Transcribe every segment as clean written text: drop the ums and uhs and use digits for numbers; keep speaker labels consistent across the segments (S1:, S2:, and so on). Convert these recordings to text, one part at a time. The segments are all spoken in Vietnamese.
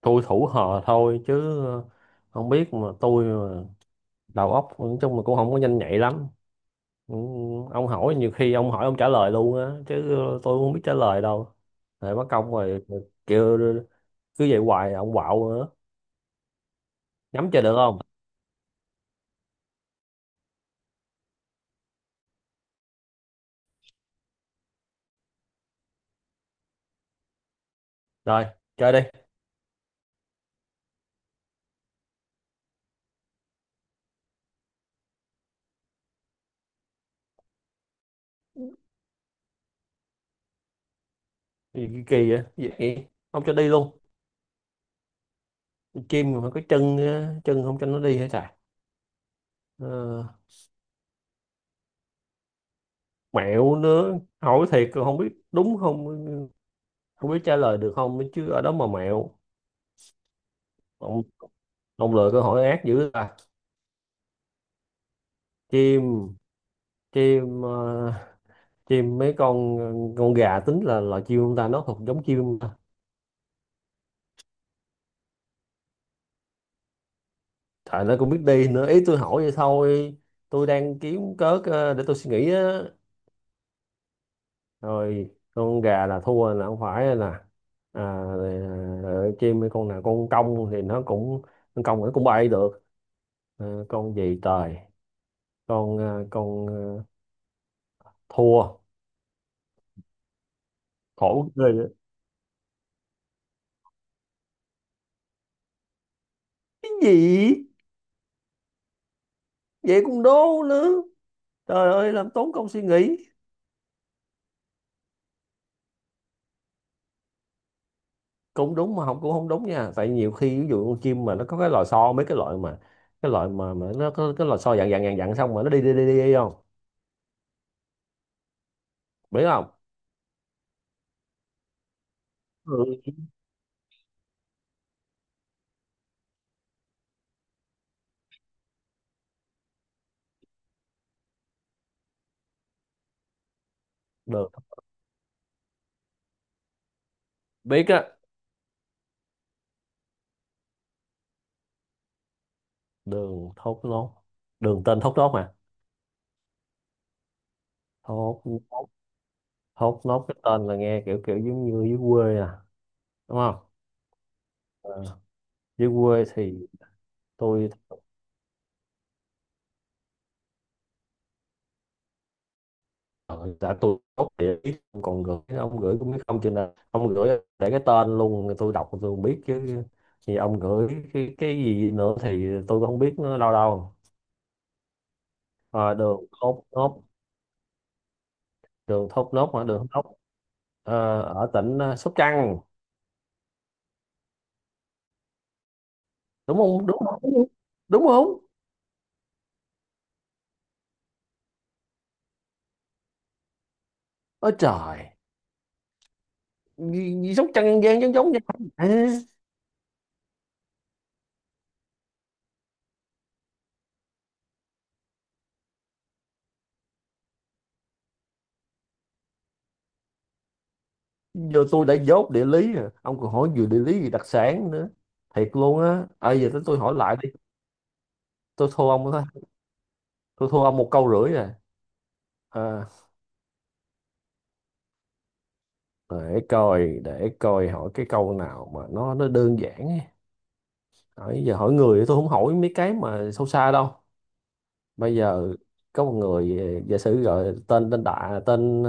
S1: Tôi thủ họ thôi chứ không biết mà tôi mà đầu óc nói chung là cũng không có nhanh nhạy lắm. Ừ, ông hỏi nhiều khi ông hỏi ông trả lời luôn á chứ tôi cũng không biết trả lời đâu. Rồi mất công rồi kêu cứ vậy hoài ông quạo nữa. Nhắm chơi được không? Rồi chơi đi. Gì kỳ kỳ vậy? Gì vậy, không cho đi luôn? Chim mà cái chân á, chân không cho nó đi hết trời. Ờ, Mẹo nữa, hỏi thiệt không biết đúng không, không biết trả lời được không chứ ở đó mà mẹo. Ông lựa câu hỏi ác dữ à. Chim chim ờ, chim mấy con gà tính là loài chim không ta, nó thuộc giống chim không ta? Trời, nó cũng biết đi nữa, ý tôi hỏi vậy thôi. Tôi đang kiếm cớ để tôi suy nghĩ á. Rồi con gà là thua, là không phải nè. À, rồi, chim mấy con nào con cong thì nó cũng, con cong nó cũng bay được. Con gì trời, con ờ, con ờ, thua. Khổ ghê vậy. Cái gì? Vậy cũng đố nữa. Trời ơi làm tốn công suy nghĩ. Cũng đúng mà học cũng không đúng nha, tại nhiều khi ví dụ con chim mà nó có cái lò xo, mấy cái loại mà mà nó có cái lò xo dặn dặn dặn dặn, xong mà nó đi đi đi đi, đi không biết không. Ừ. Đường, biết á. Đường thốt nốt. Đường tên thốt nốt mà. Thốt. Nốt. Thốt nốt cái tên là nghe kiểu kiểu giống như dưới quê à, đúng không? Ờ, Dưới quê thì tôi, Ờ, đã tôi tốt địa ý. Còn gửi ông gửi cũng biết không, chừng nào ông gửi để cái tên luôn tôi đọc tôi không biết chứ. Thì ông gửi cái gì nữa thì tôi không biết nữa đâu đâu. Ờ, Đường thốt nốt. Đường thốt nốt hả? Đường thốt nốt ở tỉnh Sóc Trăng, đúng không, đúng không, đúng không? Ôi trời, gì Sóc Trăng An Giang giống giống nhau? À, giờ tôi đã dốt địa lý rồi ông còn hỏi vừa địa lý gì đặc sản nữa, thiệt luôn á. À, giờ tới tôi hỏi lại đi. Tôi thua ông đó, tôi thua ông một câu rưỡi rồi. À, để coi hỏi cái câu nào mà nó đơn giản ấy. Hỏi giờ, hỏi người thì tôi không hỏi mấy cái mà sâu xa đâu. Bây giờ có một người, giả sử gọi tên, đại tên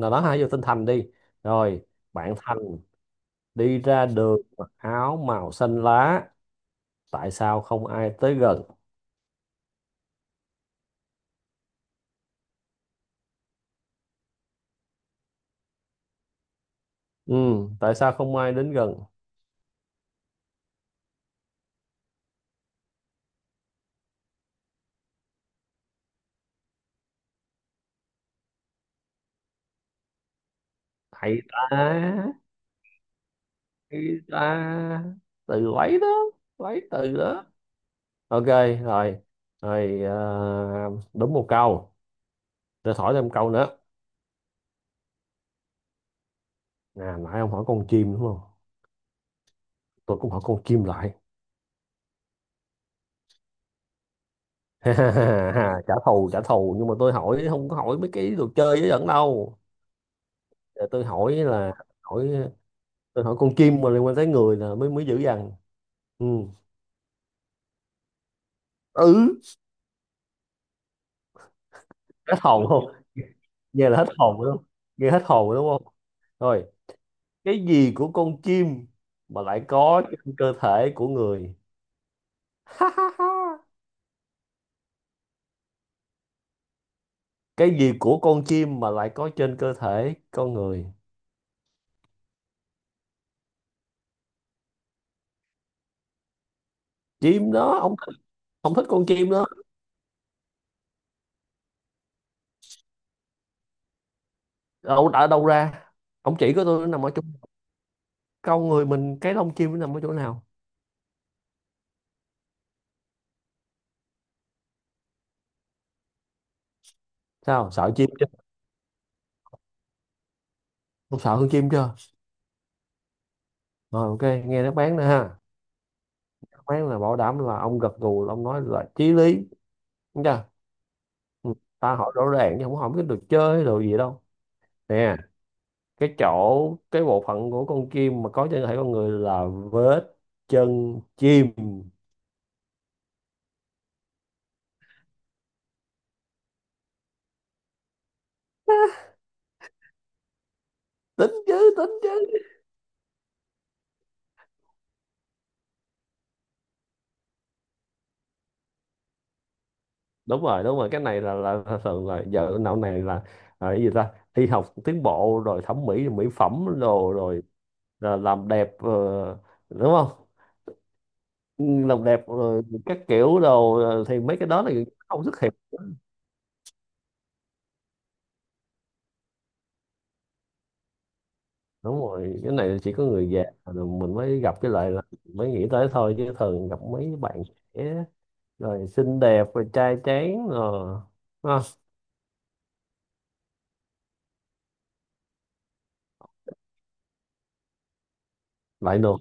S1: nào đó, hay vô tên Thành đi. Rồi bạn Thành đi ra đường mặc áo màu xanh lá, tại sao không ai tới gần? Ừ, tại sao không ai đến gần? Thầy ta, thầy ta, từ lấy đó lấy từ đó. Ok, rồi rồi, đúng một câu. Tôi hỏi thêm câu nữa. Nè, nãy ông hỏi con chim đúng không? Tôi cũng hỏi con chim lại. Trả thù trả thù, nhưng mà tôi hỏi không có hỏi mấy cái đồ chơi với dẫn đâu. Giờ tôi hỏi là, hỏi tôi hỏi con chim mà liên quan tới người là mới mới dữ dằn. Ừ, ừ. Hết hồn không? Nghe là hết hồn đúng không, nghe hết hồn đúng không? Rồi, cái gì của con chim mà lại có trên cơ thể của người? Cái gì của con chim mà lại có trên cơ thể con người? Chim đó ông, không thích con chim đó. Đâu đã đâu ra. Ông chỉ có tôi, nó nằm ở chỗ con người mình, cái lông chim nó nằm ở chỗ nào? Sao, sợ chim chưa? Không, sợ hơn chim chưa? Rồi ok, nghe đáp án nữa ha. Đáp án là bảo đảm là ông gật gù, là ông nói là chí lý, đúng chưa? Ừ, ta hỏi rõ ràng chứ không hỏi cái đồ chơi đồ gì đâu. Nè, cái chỗ, cái bộ phận của con chim mà có trên cơ thể con người là vết chân chim. Tính chứ, tính chứ. Đúng rồi, đúng rồi, cái này là thường, là giờ não này là cái gì ta, y học tiến bộ rồi, thẩm mỹ mỹ phẩm rồi rồi, là làm đẹp đúng không? Ừ, làm đẹp rồi các kiểu đồ thì mấy cái đó là không xuất hiện. Đúng rồi, cái này chỉ có người già rồi mình mới gặp cái lại, là mới nghĩ tới thôi, chứ thường gặp mấy bạn trẻ rồi xinh đẹp rồi trai tráng rồi ha. Lại được.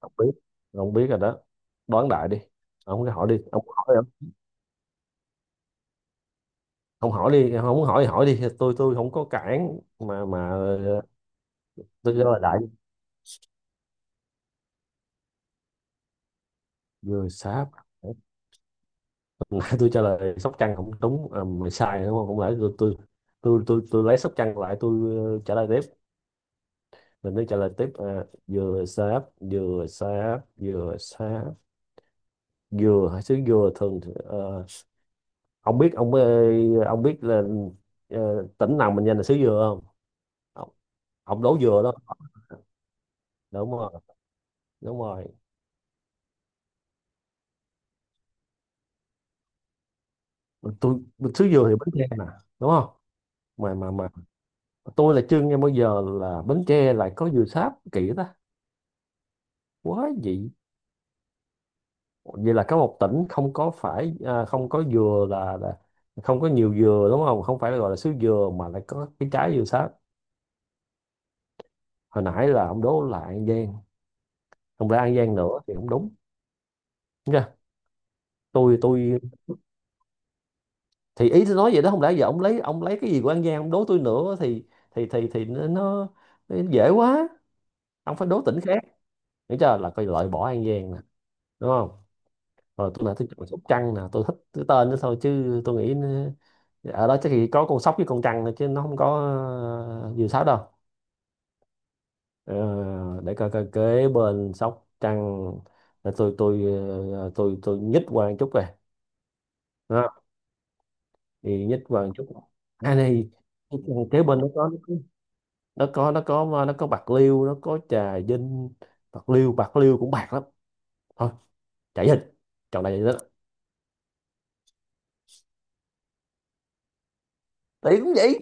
S1: Không biết, không biết rồi đó. Đoán đại đi, ông cứ hỏi đi, ông hỏi không, hỏi đi, không muốn hỏi thì hỏi đi, tôi không có cản mà. Tôi trả lời đại. Vừa sáp. Hồi nãy tôi trả lời Sóc Trăng không đúng à, mày sai đúng không, không lẽ tôi lấy Sóc Trăng lại, tôi trả lời tiếp. Mình tôi trả lời tiếp à, vừa sáp, vừa sáp, vừa sáp. Dừa hay xứ dừa thường thì, ông biết ông, ông biết là tỉnh nào mình danh là xứ dừa không, ông, ông, đổ dừa đó. Đúng rồi, đúng rồi. Tôi, xứ dừa thì Bến Tre nè, đúng không? Mà tôi là chưa nghe bao giờ là Bến Tre lại có dừa sáp, kỳ ta, quá dị. Vậy là có một tỉnh không có phải à, không có dừa là không có nhiều dừa đúng không, không phải là gọi là xứ dừa mà lại có cái trái dừa sáp. Hồi nãy là ông đố là An Giang, không lẽ An Giang nữa thì không đúng nha. Tôi Thì ý tôi nói vậy đó, không lẽ giờ ông lấy, cái gì của An Giang ông đố tôi nữa thì, thì nó dễ quá. Ông phải đố tỉnh khác, hiểu chưa, là coi loại bỏ An Giang nè, đúng không? Rồi tôi lại thích con sóc trăng nè, tôi thích cái tên đó thôi chứ tôi nghĩ nó, ở đó chắc chỉ có con sóc với con trăng thôi chứ nó không có ờ, diều sáo đâu. Ờ, để coi, coi kế bên sóc trăng là tôi ờ, tôi nhích qua một chút về đó, thì nhích qua một chút. À này, kế bên nó có bạc liêu, nó có trà vinh. Bạc liêu, bạc liêu cũng bạc lắm thôi, chạy hình, chọn đại vậy đó, tỷ cũng vậy.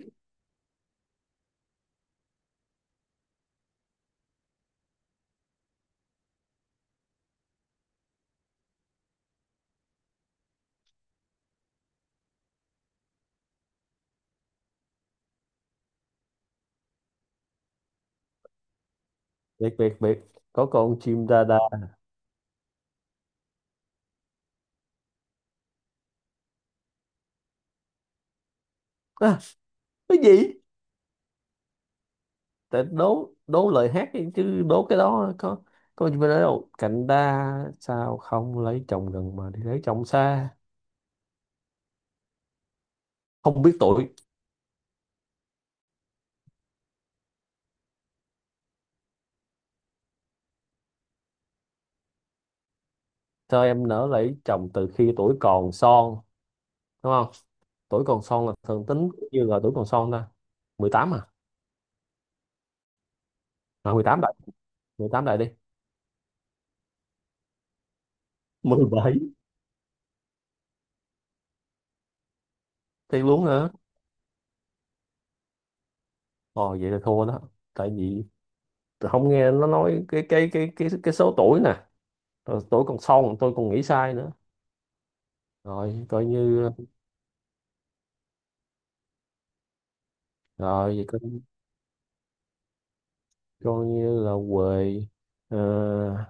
S1: Biệt biệt biệt, có con chim đa đa. À, cái gì? Tại đố, lời hát đi, chứ đố cái đó có, gì mà nói đâu, cạnh ta sao không lấy chồng gần mà đi lấy chồng xa. Không biết tuổi. Sao em nỡ lấy chồng từ khi tuổi còn son, đúng không? Tuổi còn son là thường tính như là tuổi còn son ta, 18 à 18 đại, 18 đại đi. 17. Thì luôn hả? Ồ, vậy là thua đó. Tại vì tôi không nghe nó nói cái số tuổi nè. Rồi tuổi còn son tôi còn nghĩ sai nữa. Rồi coi như, rồi vậy coi, coi như là quê. Ờ,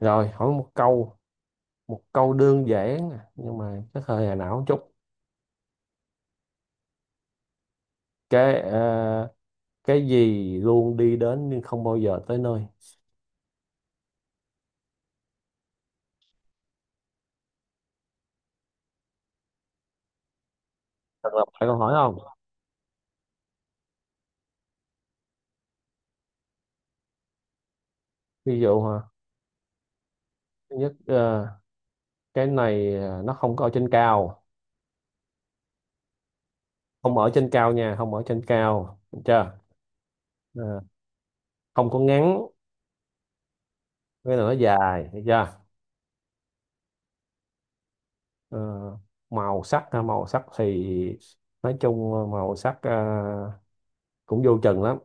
S1: Rồi, hỏi một câu, một câu đơn giản nè, nhưng mà chắc hơi hà não chút. cái ờ, cái gì luôn đi đến nhưng không bao giờ tới nơi? Thật là phải câu hỏi không? Ví dụ hả? Thứ nhất cái này nó không có ở trên cao, không ở trên cao nha, không ở trên cao được chưa? Ờ, Không có ngắn, cái là nó dài, được chưa? Ờ, Màu sắc ha, màu sắc thì nói chung màu sắc cũng vô chừng lắm.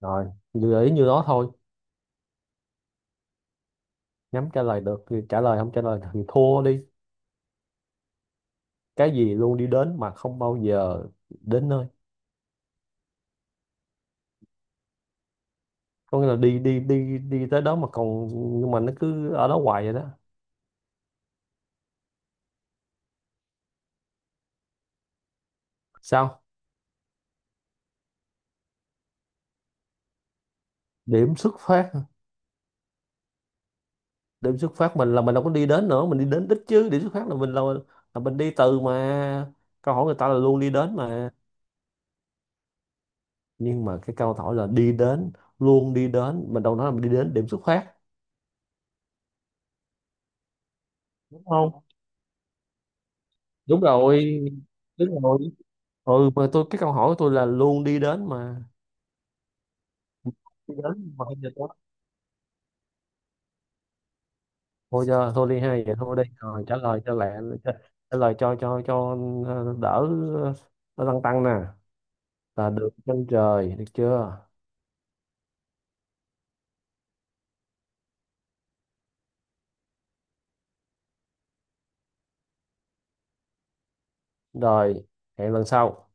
S1: Rồi, gợi ý như đó thôi, nhắm trả lời được thì trả lời, không trả lời thì thua đi. Cái gì luôn đi đến mà không bao giờ đến nơi? Có nghĩa là đi đi đi đi tới đó mà còn, nhưng mà nó cứ ở đó hoài vậy đó. Sao? Điểm xuất phát. Điểm xuất phát mình là mình đâu có đi đến nữa, mình đi đến đích chứ. Điểm xuất phát là mình là mình đi từ mà. Câu hỏi người ta là luôn đi đến mà. Nhưng mà cái câu hỏi là đi đến, luôn đi đến, mình đâu nói là mình đi đến điểm xuất phát, đúng không? Đúng rồi, đúng rồi. Ừ mà tôi, cái câu hỏi của tôi là luôn đi đến mà, đi đến mà không giờ tối. Thôi giờ thôi đi hai vậy, thôi đi, rồi trả lời cho lẹ. cho- Trả lời cho, đỡ, ờ, nó tăng tăng nè, là được, chân trời, được chưa? Rồi, hẹn lần sau.